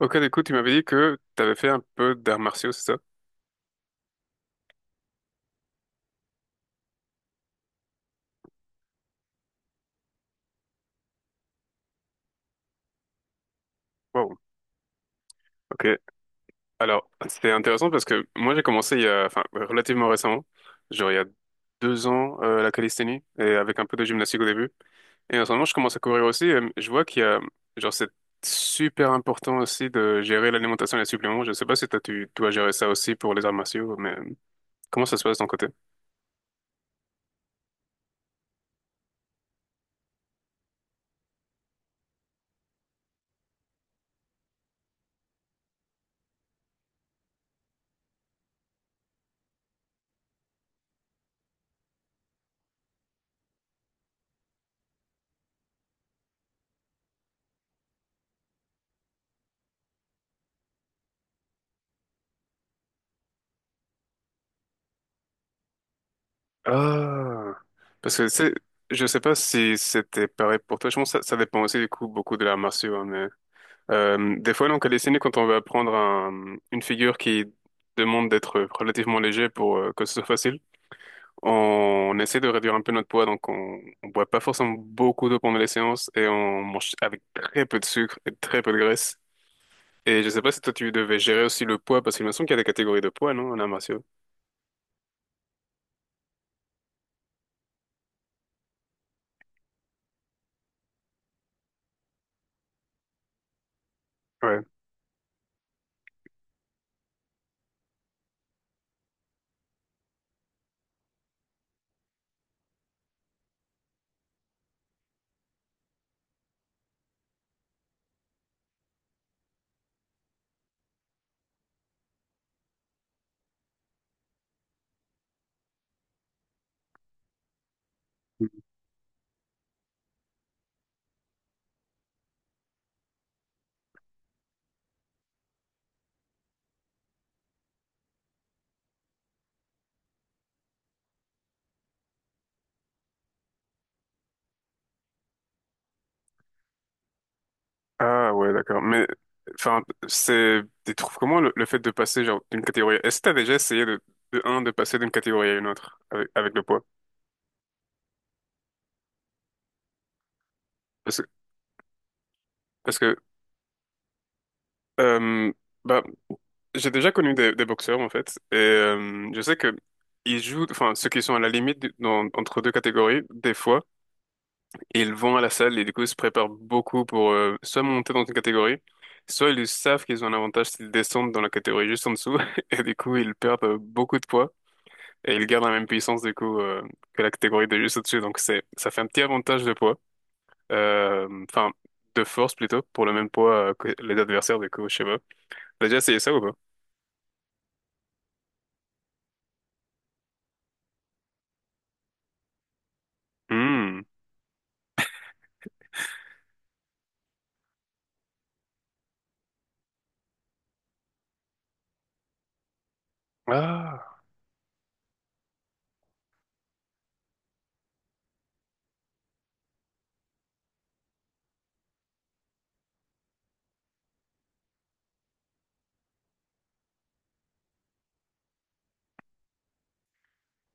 Ok, du coup, tu m'avais dit que tu avais fait un peu d'arts martiaux, c'est ça? Wow, ok. Alors, c'est intéressant parce que moi j'ai commencé il y a, enfin, relativement récemment, genre il y a 2 ans, la calisthénie, et avec un peu de gymnastique au début. Et en ce moment, je commence à courir aussi. Et je vois qu'il y a, genre, c'est super important aussi de gérer l'alimentation et les suppléments. Je sais pas si toi, tu dois gérer ça aussi pour les arts martiaux, mais comment ça se passe de ton côté? Ah, parce que c'est, je sais pas si c'était pareil pour toi. Je pense que ça dépend aussi du coup beaucoup de l'art martiaux, hein, mais des fois donc à dessiner quand on veut apprendre une figure qui demande d'être relativement léger pour que ce soit facile, on, essaie de réduire un peu notre poids, donc on boit pas forcément beaucoup d'eau pendant les séances et on mange avec très peu de sucre et très peu de graisse. Et je sais pas si toi tu devais gérer aussi le poids parce qu'il me semble qu'il y a des catégories de poids, non, en arts martiaux. Ouais. Ah ouais, d'accord. Mais enfin, c'est, tu trouves comment le fait de passer genre d'une catégorie. Est-ce que t'as déjà essayé de un de passer d'une catégorie à une autre avec, avec le poids? Parce que parce que euh, bah j'ai déjà connu des boxeurs en fait et je sais que ils jouent, enfin ceux qui sont à la limite entre deux catégories, des fois ils vont à la salle et du coup ils se préparent beaucoup pour soit monter dans une catégorie, soit ils savent qu'ils ont un avantage s'ils descendent dans la catégorie juste en dessous et du coup ils perdent beaucoup de poids. Et il garde la même puissance du coup que la catégorie de juste au-dessus. Donc c'est ça fait un petit avantage de poids, enfin de force plutôt pour le même poids que les adversaires du coup. Je sais pas. T'as déjà essayé ça ou pas? Hmm. Ah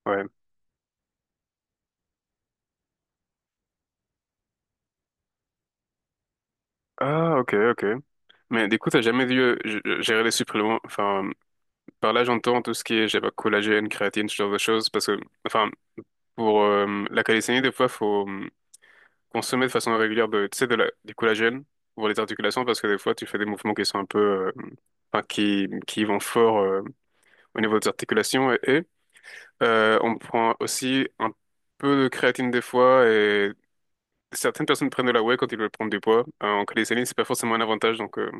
ouais. Ah, ok, ok. Mais du coup t'as jamais dû gérer les suppléments. Enfin par là j'entends tout ce qui est je sais pas collagène, créatine, ce genre de choses parce que enfin pour la calisthénie des fois faut consommer de façon régulière de, tu sais, de la, du collagène pour les articulations parce que des fois tu fais des mouvements qui sont un peu, enfin, qui vont fort au niveau des articulations et on prend aussi un peu de créatine des fois et certaines personnes prennent de la whey quand ils veulent prendre du poids. En calisthenics, c'est pas forcément un avantage donc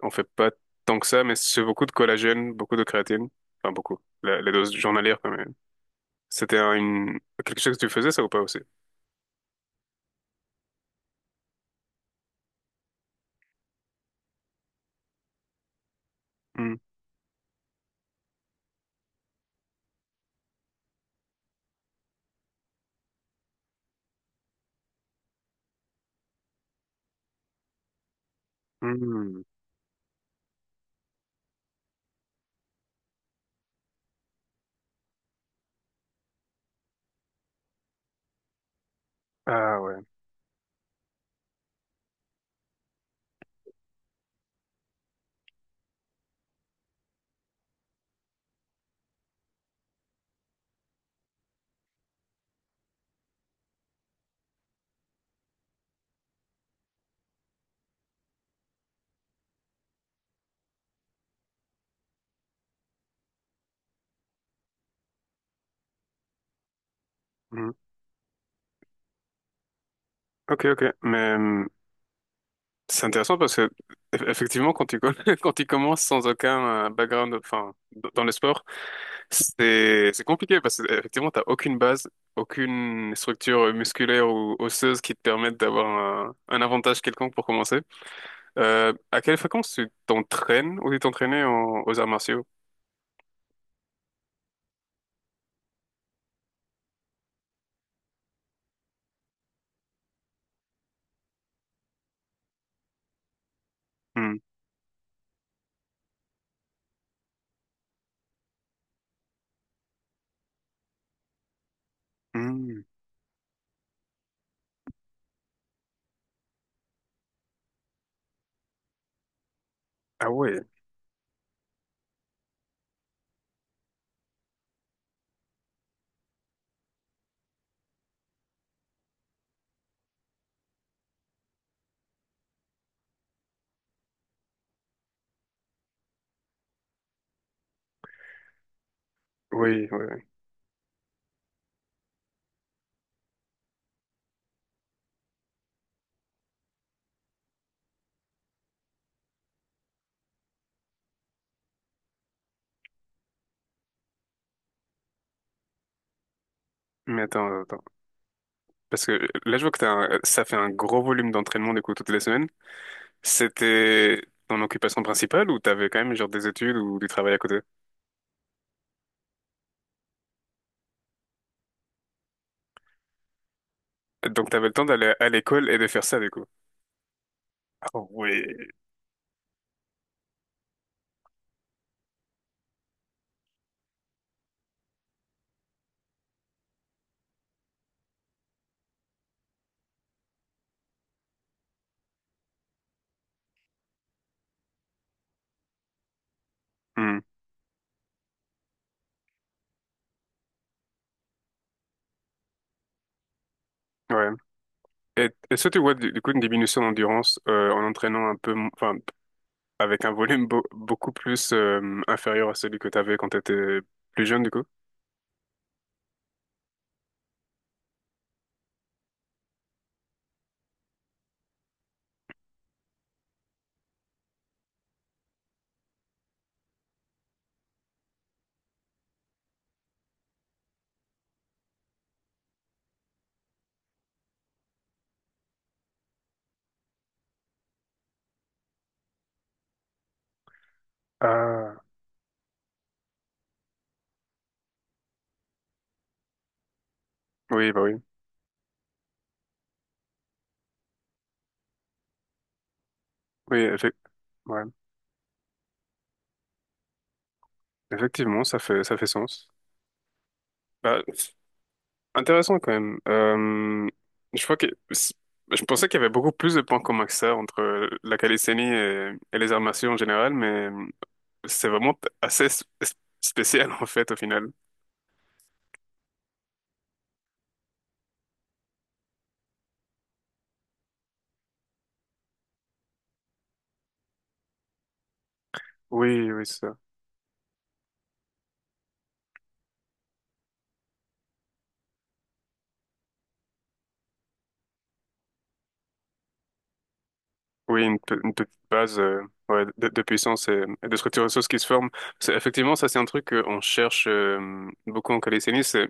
on fait pas tant que ça mais c'est beaucoup de collagène, beaucoup de créatine, enfin beaucoup, la dose journalière quand même. C'était une... quelque chose que tu faisais ça ou pas aussi? Hmm. Hmm. Ah ouais. Mmh. Ok, ok. Mais c'est intéressant parce que effectivement, quand tu, quand tu commences sans aucun background, enfin, dans le sport, c'est compliqué parce que effectivement, t'as aucune base, aucune structure musculaire ou osseuse qui te permette d'avoir un avantage quelconque pour commencer. À quelle fréquence tu t'entraînes ou tu t'entraînais aux arts martiaux? Hmm. Hmm. Ah ouais, oui, oui. Oui. Mais attends, attends. Parce que là, je vois que ça fait un gros volume d'entraînement du coup toutes les semaines. C'était ton occupation principale ou t'avais quand même genre des études ou du travail à côté? Donc t'avais le temps d'aller à l'école et de faire ça du coup. Ah ouais. Hmm, ouais. Et est-ce que tu vois du coup une diminution d'endurance en entraînant un peu, enfin avec un volume beaucoup plus inférieur à celui que t'avais quand t'étais plus jeune du coup? Ah oui bah oui oui ouais. Effectivement ça fait sens. Bah, intéressant quand même. Je crois que je pensais qu'il y avait beaucoup plus de points communs que ça entre la calisthénie et les arts martiaux en général, mais c'est vraiment assez spécial en fait au final. Oui, oui, c'est ça. Oui, une, une petite base ouais, de puissance et de structure osseuse qui se forme. C'est- effectivement, ça c'est un truc qu'on cherche beaucoup en calisthénie, c'est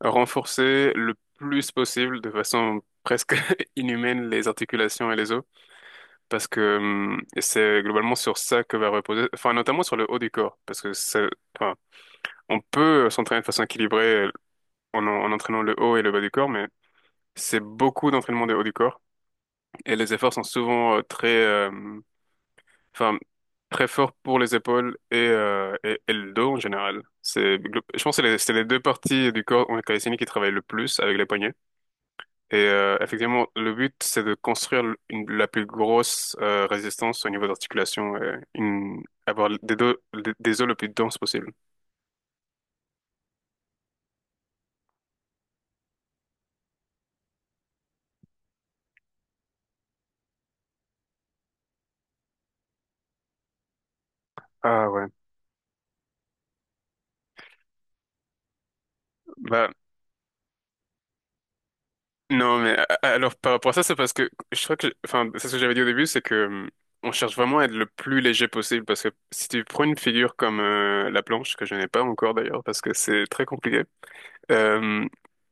renforcer le plus possible de façon presque inhumaine les articulations et les os. Parce que c'est globalement sur ça que va reposer, enfin notamment sur le haut du corps, parce que ça, enfin, on peut s'entraîner de façon équilibrée en, en entraînant le haut et le bas du corps, mais c'est beaucoup d'entraînement du haut du corps et les efforts sont souvent enfin très forts pour les épaules et et le dos en général. C'est, je pense que c'est les deux parties du corps en calisthénie qui travaillent le plus avec les poignets. Et effectivement, le but, c'est de construire la plus grosse résistance au niveau d'articulation, avoir des, deux, des os le plus dense possible. Ah ouais. Bah non mais alors par rapport à ça c'est parce que je crois que enfin c'est ce que j'avais dit au début c'est que on cherche vraiment à être le plus léger possible parce que si tu prends une figure comme la planche que je n'ai pas encore d'ailleurs parce que c'est très compliqué. Euh,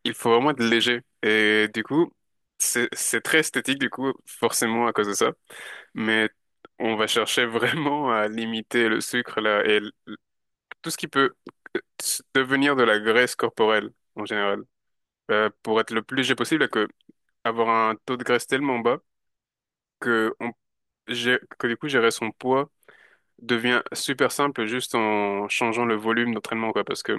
il faut vraiment être léger. Et du coup, c'est très esthétique, du coup, forcément à cause de ça. Mais on va chercher vraiment à limiter le sucre là, et tout ce qui peut devenir de la graisse corporelle en général. Pour être le plus léger possible et que avoir un taux de graisse tellement bas que, on, que du coup, gérer son poids devient super simple juste en changeant le volume d'entraînement, quoi. Parce que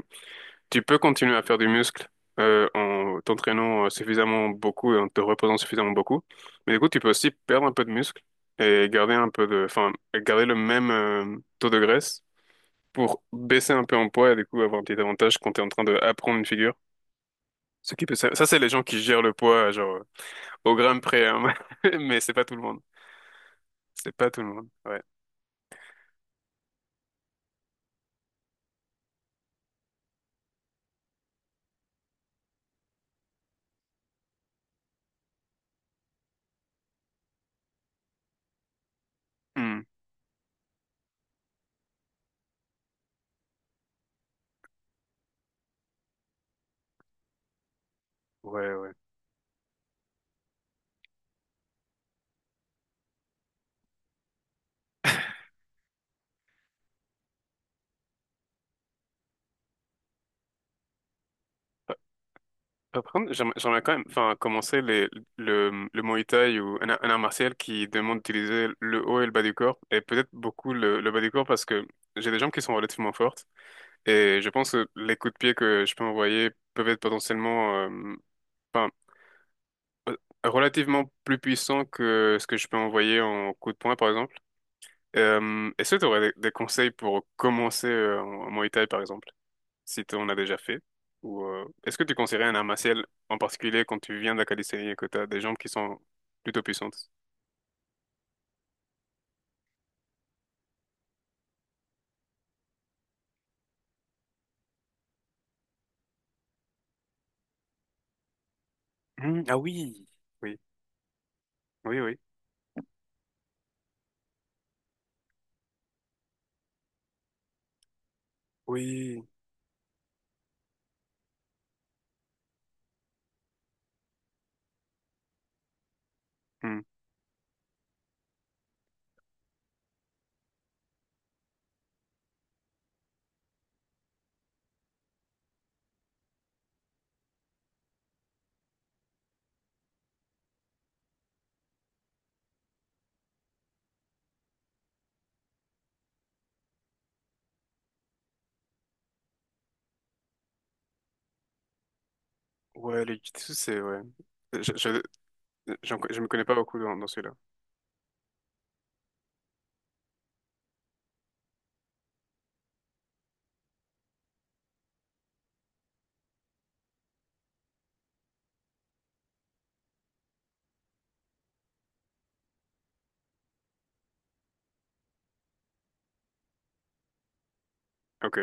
tu peux continuer à faire du muscle en t'entraînant suffisamment beaucoup et en te reposant suffisamment beaucoup. Mais du coup, tu peux aussi perdre un peu de muscle et garder un peu de, enfin, garder le même taux de graisse pour baisser un peu en poids et du coup avoir un petit avantage quand tu es en train d'apprendre une figure. Ce qui peut, ça c'est les gens qui gèrent le poids genre au gramme près, hein. Mais c'est pas tout le monde. C'est pas tout le monde. Ouais. Hmm. Ouais, ouais. Par contre, j'aimerais quand même enfin, commencer les, le Muay Thai ou un art martial qui demande d'utiliser le haut et le bas du corps, et peut-être beaucoup le bas du corps parce que j'ai des jambes qui sont relativement fortes, et je pense que les coups de pied que je peux envoyer peuvent être potentiellement enfin, euh, relativement plus puissants que ce que je peux envoyer en coup de poing, par exemple. Est-ce que tu aurais des conseils pour commencer en Muay Thai, par exemple? Si on a déjà fait. Ou est-ce que tu conseillerais un art martial en particulier quand tu viens de la calisthénie et que tu as des jambes qui sont plutôt puissantes? Hmm, ah oui, oui, oui, oui, oui. Hmm. Ouais, le jiu-jitsu, c'est ouais. Je, je, j'en je me connais pas beaucoup dans, dans celui-là. Ok,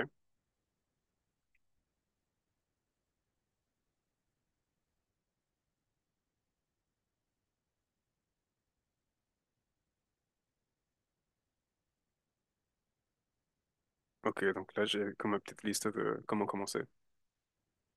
ok, donc là j'ai comme ma petite liste de comment commencer.